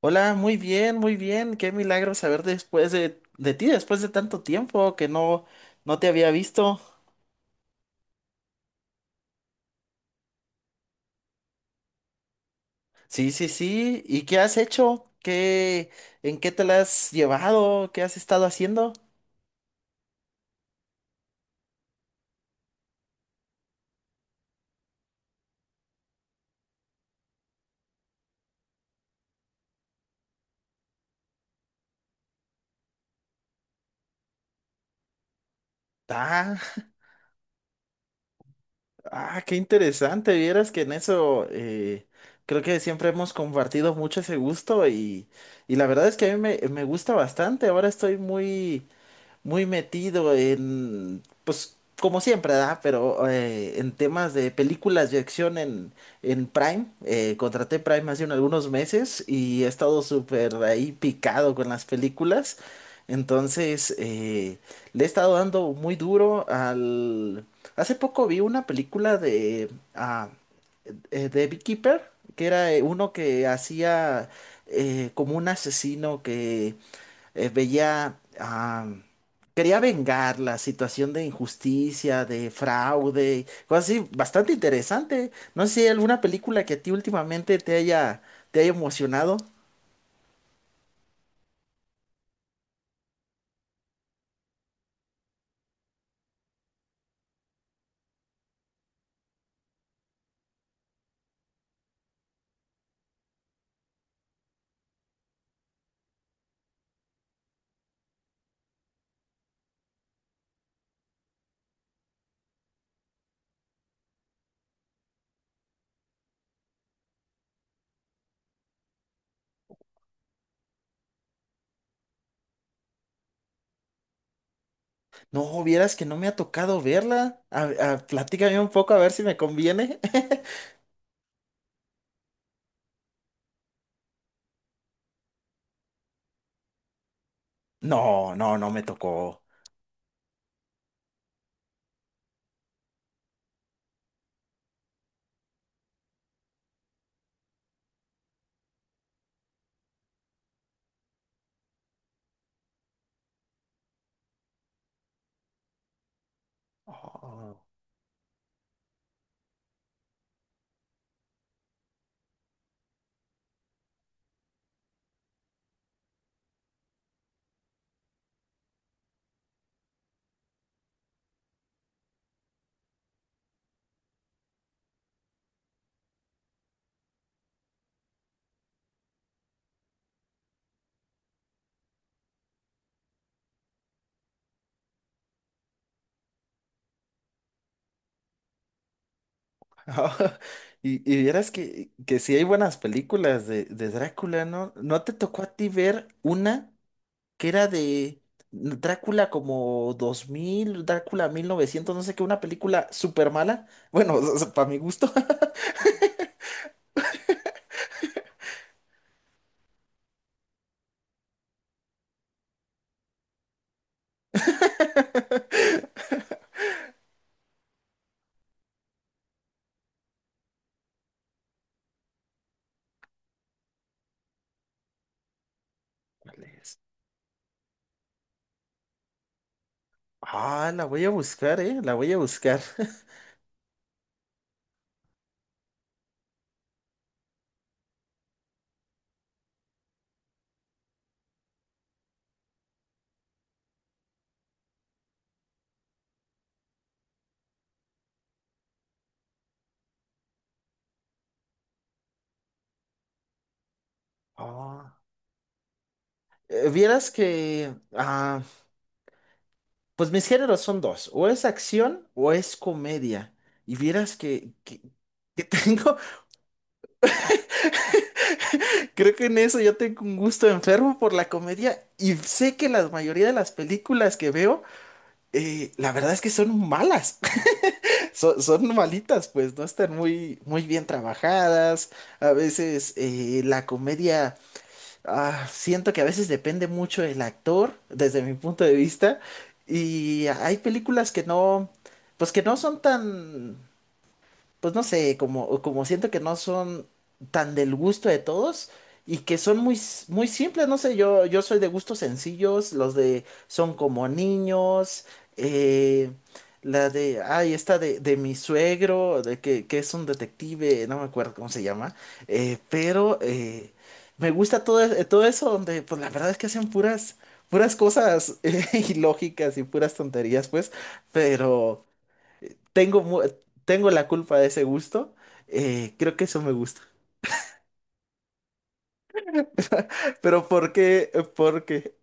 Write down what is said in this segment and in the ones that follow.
Hola, muy bien, muy bien. Qué milagro saber después de ti, después de tanto tiempo que no, no te había visto. Sí, sí, sí. ¿Y qué has hecho? ¿En qué te la has llevado? ¿Qué has estado haciendo? Ah, ah, qué interesante. Vieras que en eso creo que siempre hemos compartido mucho ese gusto y la verdad es que a me gusta bastante. Ahora estoy muy muy metido en, pues como siempre, ¿verdad? Pero en temas de películas de en Prime. Contraté Prime hace algunos meses y he estado súper ahí picado con las películas. Entonces, le he estado dando muy duro al... Hace poco vi una ah, de Beekeeper, que era uno que hacía como un asesino veía, quería vengar la situación de injusticia, de fraude, cosas así, bastante interesante. No sé si hay alguna película que a ti últimamente te haya emocionado. No, vieras que no me ha tocado verla. Platícame un poco a ver si me conviene. No, no, no me tocó. Oh. Y, y vieras que sí hay buenas películas de Drácula, ¿no? ¿No te tocó a ti ver una? Que era de Drácula como 2000 Drácula 1900 no sé qué, una película súper mala. Bueno, para mi gusto. ¿Cuál es? Ah, la voy a buscar, ¿eh? La voy a buscar. Ah. Vieras que, ah, pues mis géneros son dos, o es acción o es comedia. Y vieras que tengo... Creo que en eso yo tengo un gusto enfermo por la comedia y sé que la mayoría de las películas que veo la verdad es que son malas. Son, son malitas, pues no están muy, muy bien trabajadas. A veces la comedia, ah, siento que a veces depende mucho del actor, desde mi punto de vista. Y hay películas que no, pues que no son tan, pues no sé, como, como siento que no son tan del gusto de todos y que son muy, s- muy simples, no sé, yo soy de gustos sencillos, los de son como niños, eh, la ay, esta de mi suegro, que es un detective, no me acuerdo cómo se llama, pero me gusta todo, todo eso donde, pues la verdad es que hacen puras... Puras cosas ilógicas y puras tonterías, pues, pero, tengo, mu- tengo la culpa de ese gusto. Creo que eso me gusta. Pero ¿por qué? Porque.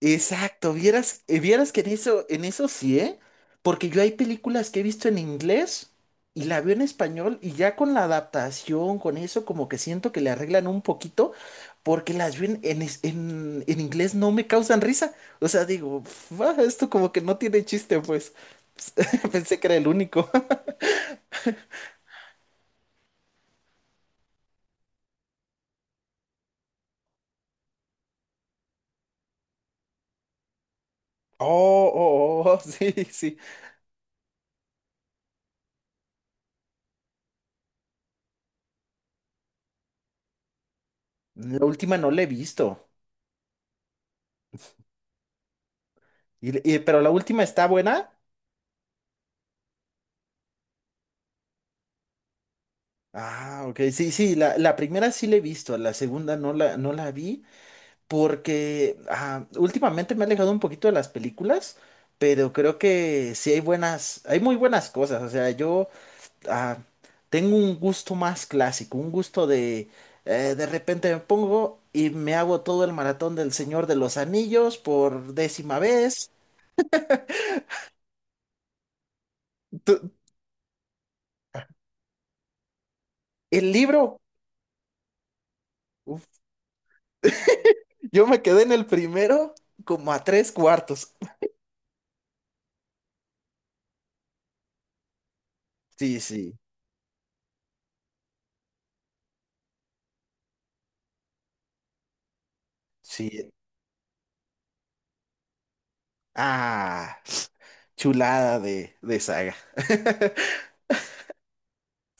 Exacto, vieras, vieras que en eso sí, ¿eh? Porque yo hay películas que he visto en inglés y la veo en español y ya con la adaptación, con eso, como que siento que le arreglan un poquito porque las veo en inglés no me causan risa. O sea, digo, "Pf, ah, esto como que no tiene chiste, pues." Pensé que era el único. Oh, oh, oh, sí, sí. La última no la he visto. Pero la última está buena. Ah, ok. Sí, sí, la primera sí la he visto, la segunda no la vi porque ah, últimamente me he alejado un poquito de las películas, pero creo que sí hay buenas, hay muy buenas cosas. O sea, yo ah, tengo un gusto más clásico, un gusto de repente me pongo y me hago todo el maratón del Señor de los Anillos por décima vez. Tu- El libro. Yo me quedé en el primero como a tres cuartos. Sí, sí. Sí. Ah, chulada de saga.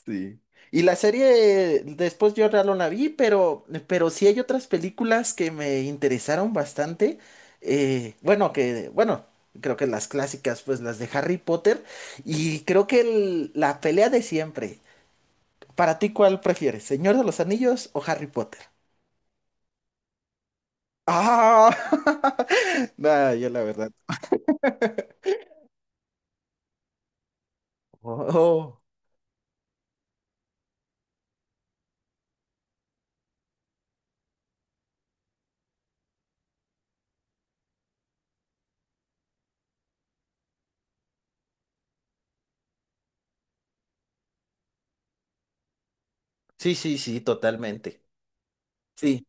Sí. Y la serie, después yo ya no la vi, pero sí hay otras películas que me interesaron bastante. Bueno, creo que las clásicas, pues las de Harry Potter. Y creo que la pelea de siempre. ¿Para ti cuál prefieres? ¿Señor de los Anillos o Harry Potter? Ah, nada, yo la verdad. Oh, sí, sí, sí, totalmente. Sí,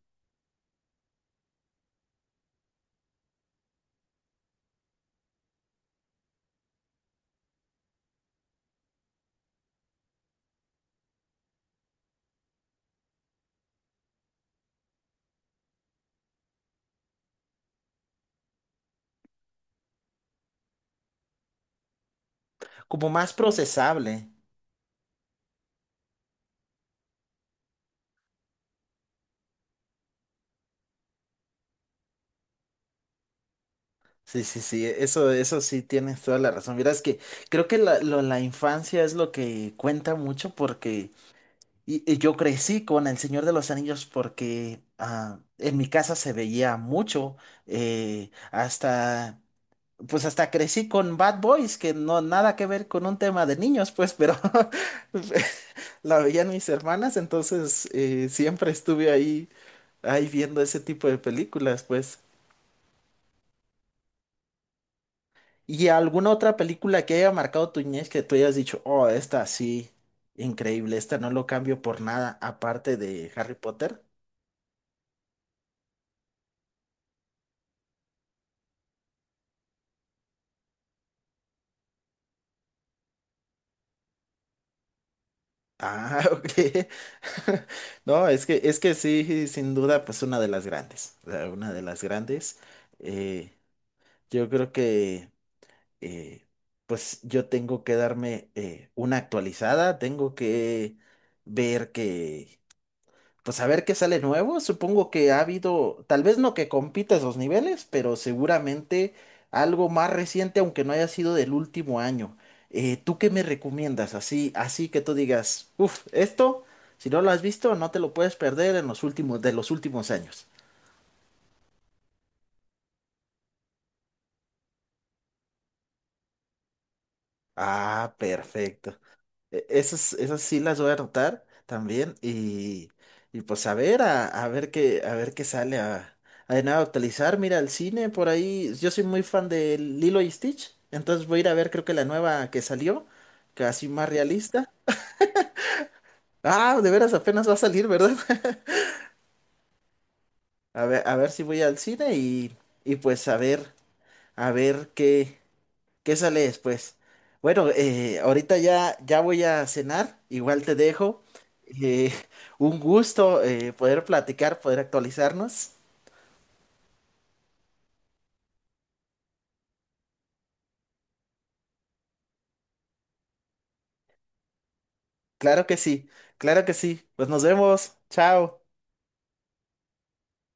como más procesable. Sí, sí, sí, eso sí tienes toda la razón. Mira, es que creo que la infancia es lo que cuenta mucho porque y yo crecí con El Señor de los Anillos porque ah, en mi casa se veía mucho hasta pues hasta crecí con Bad Boys, que no nada que ver con un tema de niños, pues, pero la veían mis hermanas, entonces siempre estuve ahí, ahí viendo ese tipo de películas, pues. ¿Y alguna otra película que haya marcado tu niñez que tú hayas dicho, oh, esta sí, increíble, esta no lo cambio por nada, aparte de Harry Potter? Ah, ok. No, es que sí, sin duda, pues una de las grandes, o sea, una de las grandes. eh, yo creo que eh, pues yo tengo que darme una actualizada, tengo que ver que, pues a ver qué sale nuevo. Supongo que ha habido, tal vez no que compita esos niveles, pero seguramente algo más reciente, aunque no haya sido del último año. ¿Tú qué me recomiendas? Así, así que tú digas, uff, esto, si no lo has visto, no te lo puedes perder en los últimos, de los últimos años. Ah, perfecto. Esas, esas sí las voy a anotar también y pues a ver qué sale a de nada actualizar. Mira, el cine por ahí, yo soy muy fan de Lilo y Stitch, entonces voy a ir a ver creo que la nueva que salió, casi más realista. Ah, de veras apenas va a salir, ¿verdad? A ver si voy al cine y pues a ver qué. ¿Qué sale después? Bueno, ahorita ya, ya voy a cenar, igual te dejo. Eh, un gusto poder platicar, poder actualizarnos. Claro que sí, claro que sí. Pues nos vemos. Chao.